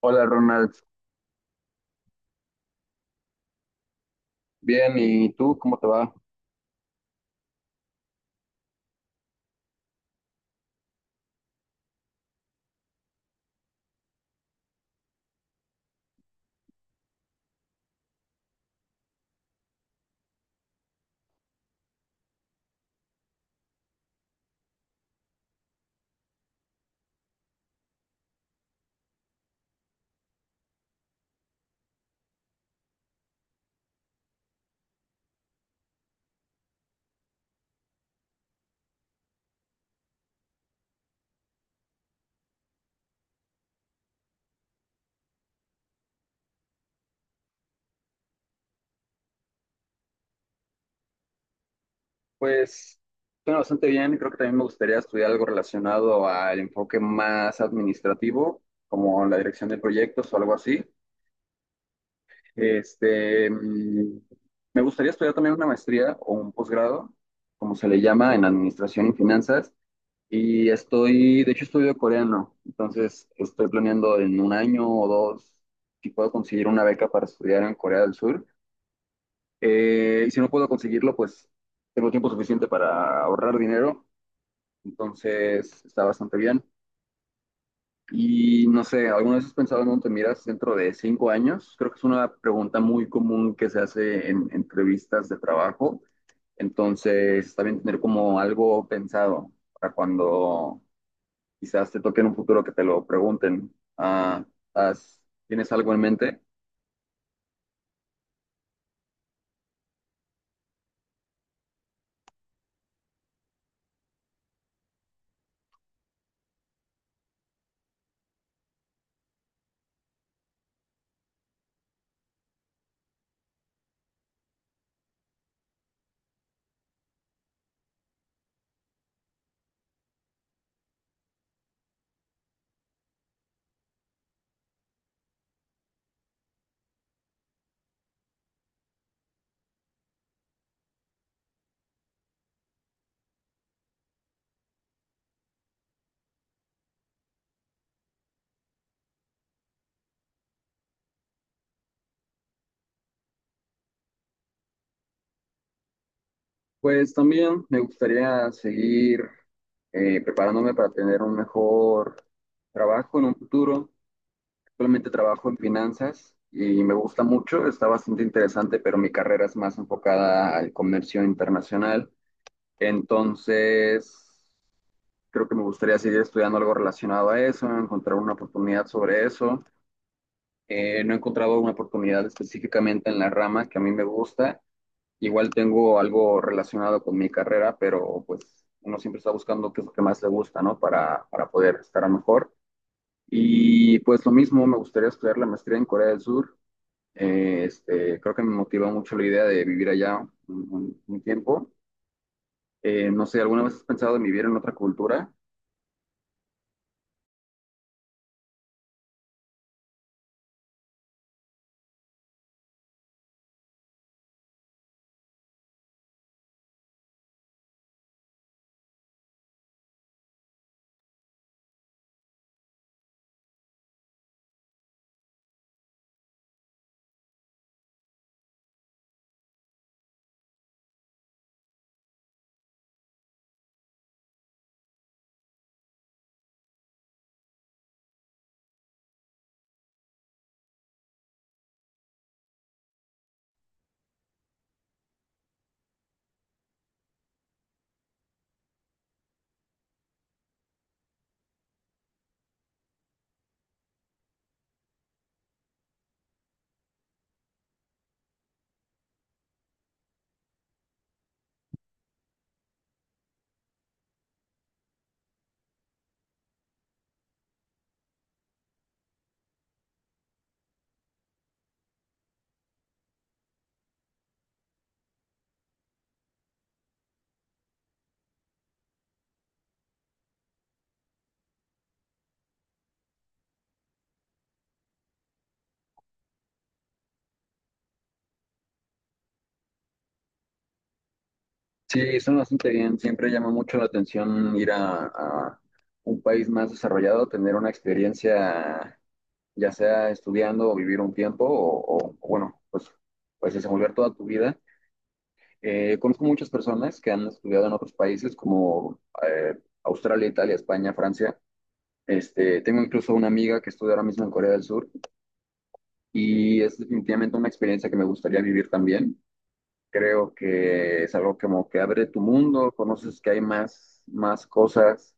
Hola Ronald, bien, ¿y tú cómo te va? Pues suena bastante bien. Creo que también me gustaría estudiar algo relacionado al enfoque más administrativo, como la dirección de proyectos o algo así. Este, mm, Me gustaría estudiar también una maestría o un posgrado, como se le llama, en administración y finanzas. Y estoy, de hecho, estudio coreano. Entonces, estoy planeando en 1 año o 2 si puedo conseguir una beca para estudiar en Corea del Sur. Y si no puedo conseguirlo, pues tengo tiempo suficiente para ahorrar dinero, entonces está bastante bien. Y no sé, ¿alguna vez has pensado en dónde te miras dentro de 5 años? Creo que es una pregunta muy común que se hace en entrevistas de trabajo, entonces está bien tener como algo pensado para cuando quizás te toque en un futuro que te lo pregunten. Ah, ¿has- ¿tienes algo en mente? Pues también me gustaría seguir preparándome para tener un mejor trabajo en un futuro. Actualmente trabajo en finanzas y me gusta mucho, está bastante interesante, pero mi carrera es más enfocada al comercio internacional. Entonces, creo que me gustaría seguir estudiando algo relacionado a eso, encontrar una oportunidad sobre eso. No he encontrado una oportunidad específicamente en la rama que a mí me gusta. Igual tengo algo relacionado con mi carrera, pero pues uno siempre está buscando qué es lo que más le gusta, ¿no? Para poder estar mejor. Y pues lo mismo, me gustaría estudiar la maestría en Corea del Sur. Creo que me motivó mucho la idea de vivir allá un tiempo. No sé, ¿alguna vez has pensado en vivir en otra cultura? Sí, suena bastante bien. Siempre llama mucho la atención ir a un país más desarrollado, tener una experiencia ya sea estudiando o vivir un tiempo o bueno, pues desenvolver toda tu vida. Conozco muchas personas que han estudiado en otros países como Australia, Italia, España, Francia. Este, tengo incluso una amiga que estudia ahora mismo en Corea del Sur y es definitivamente una experiencia que me gustaría vivir también. Creo que es algo como que abre tu mundo, conoces que hay más cosas,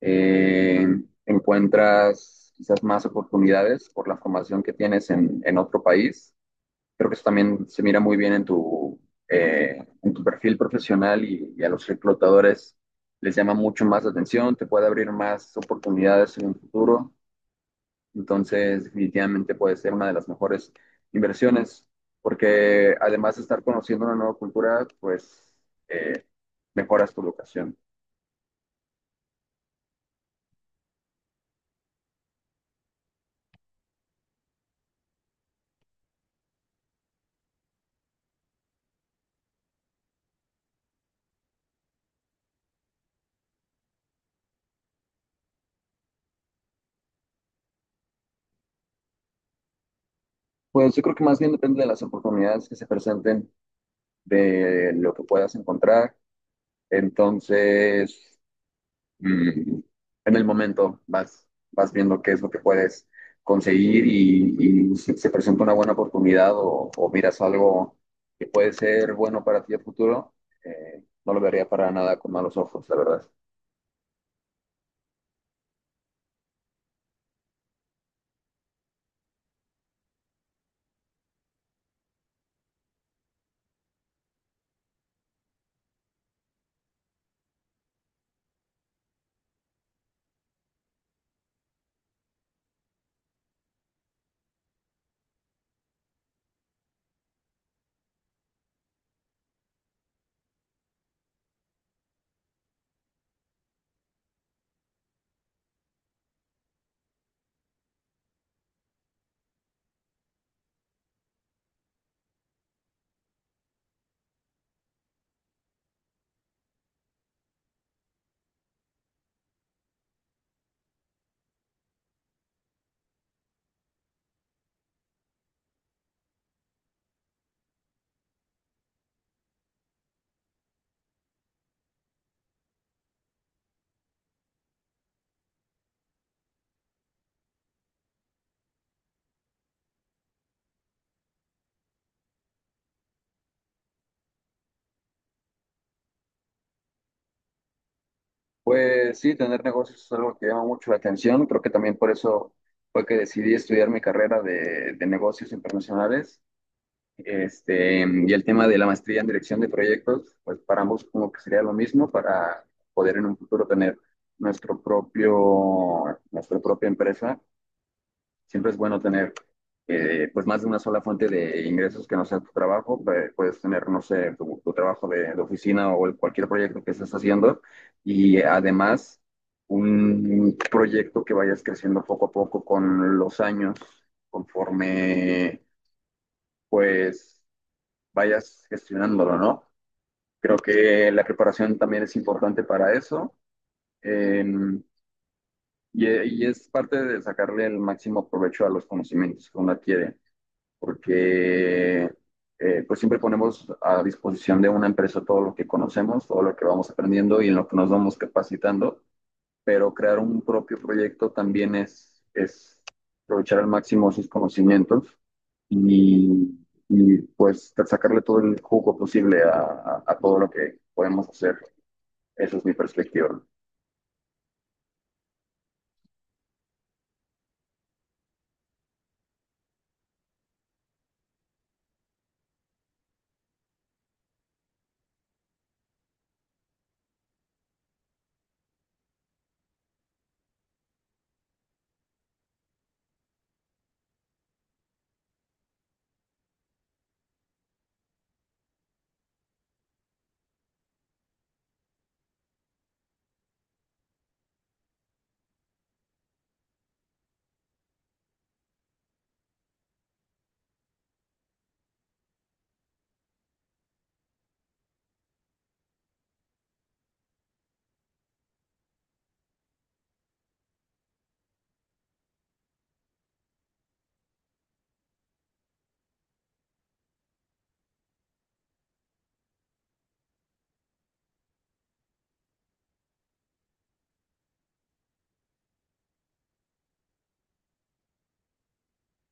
eh, encuentras quizás más oportunidades por la formación que tienes en otro país. Creo que eso también se mira muy bien en tu perfil profesional y a los reclutadores les llama mucho más la atención, te puede abrir más oportunidades en un futuro. Entonces, definitivamente puede ser una de las mejores inversiones, porque además de estar conociendo una nueva cultura, pues eh, mejoras tu locación. Pues yo creo que más bien depende de las oportunidades que se presenten, de lo que puedas encontrar. Entonces, mm, en el momento vas viendo qué es lo que puedes conseguir y si se presenta una buena oportunidad o miras algo que puede ser bueno para ti a futuro, no lo vería para nada con malos ojos, la verdad. Pues sí, tener negocios es algo que llama mucho la atención. Creo que también por eso fue que decidí estudiar mi carrera de negocios internacionales. Este, y el tema de la maestría en dirección de proyectos, pues para ambos como que sería lo mismo para poder en un futuro tener nuestro propio, nuestra propia empresa. Siempre es bueno tener pues más de una sola fuente de ingresos que no sea tu trabajo. Puedes tener, no sé, tu trabajo de oficina o cualquier proyecto que estés haciendo y además un proyecto que vayas creciendo poco a poco con los años, conforme pues vayas gestionándolo, ¿no? Creo que la preparación también es importante para eso eh, y es parte de sacarle el máximo provecho a los conocimientos que uno adquiere, porque pues siempre ponemos a disposición de una empresa todo lo que conocemos, todo lo que vamos aprendiendo y en lo que nos vamos capacitando, pero crear un propio proyecto también es aprovechar al máximo sus conocimientos y, y, pues sacarle todo el jugo posible a todo lo que podemos hacer. Esa es mi perspectiva.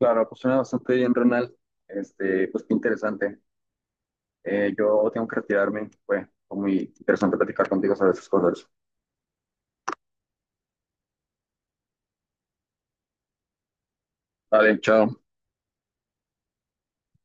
Claro, pues suena bastante bien, Renal. Este, pues qué interesante. Yo tengo que retirarme. Fue muy interesante platicar contigo sobre esas cosas. Vale, chao.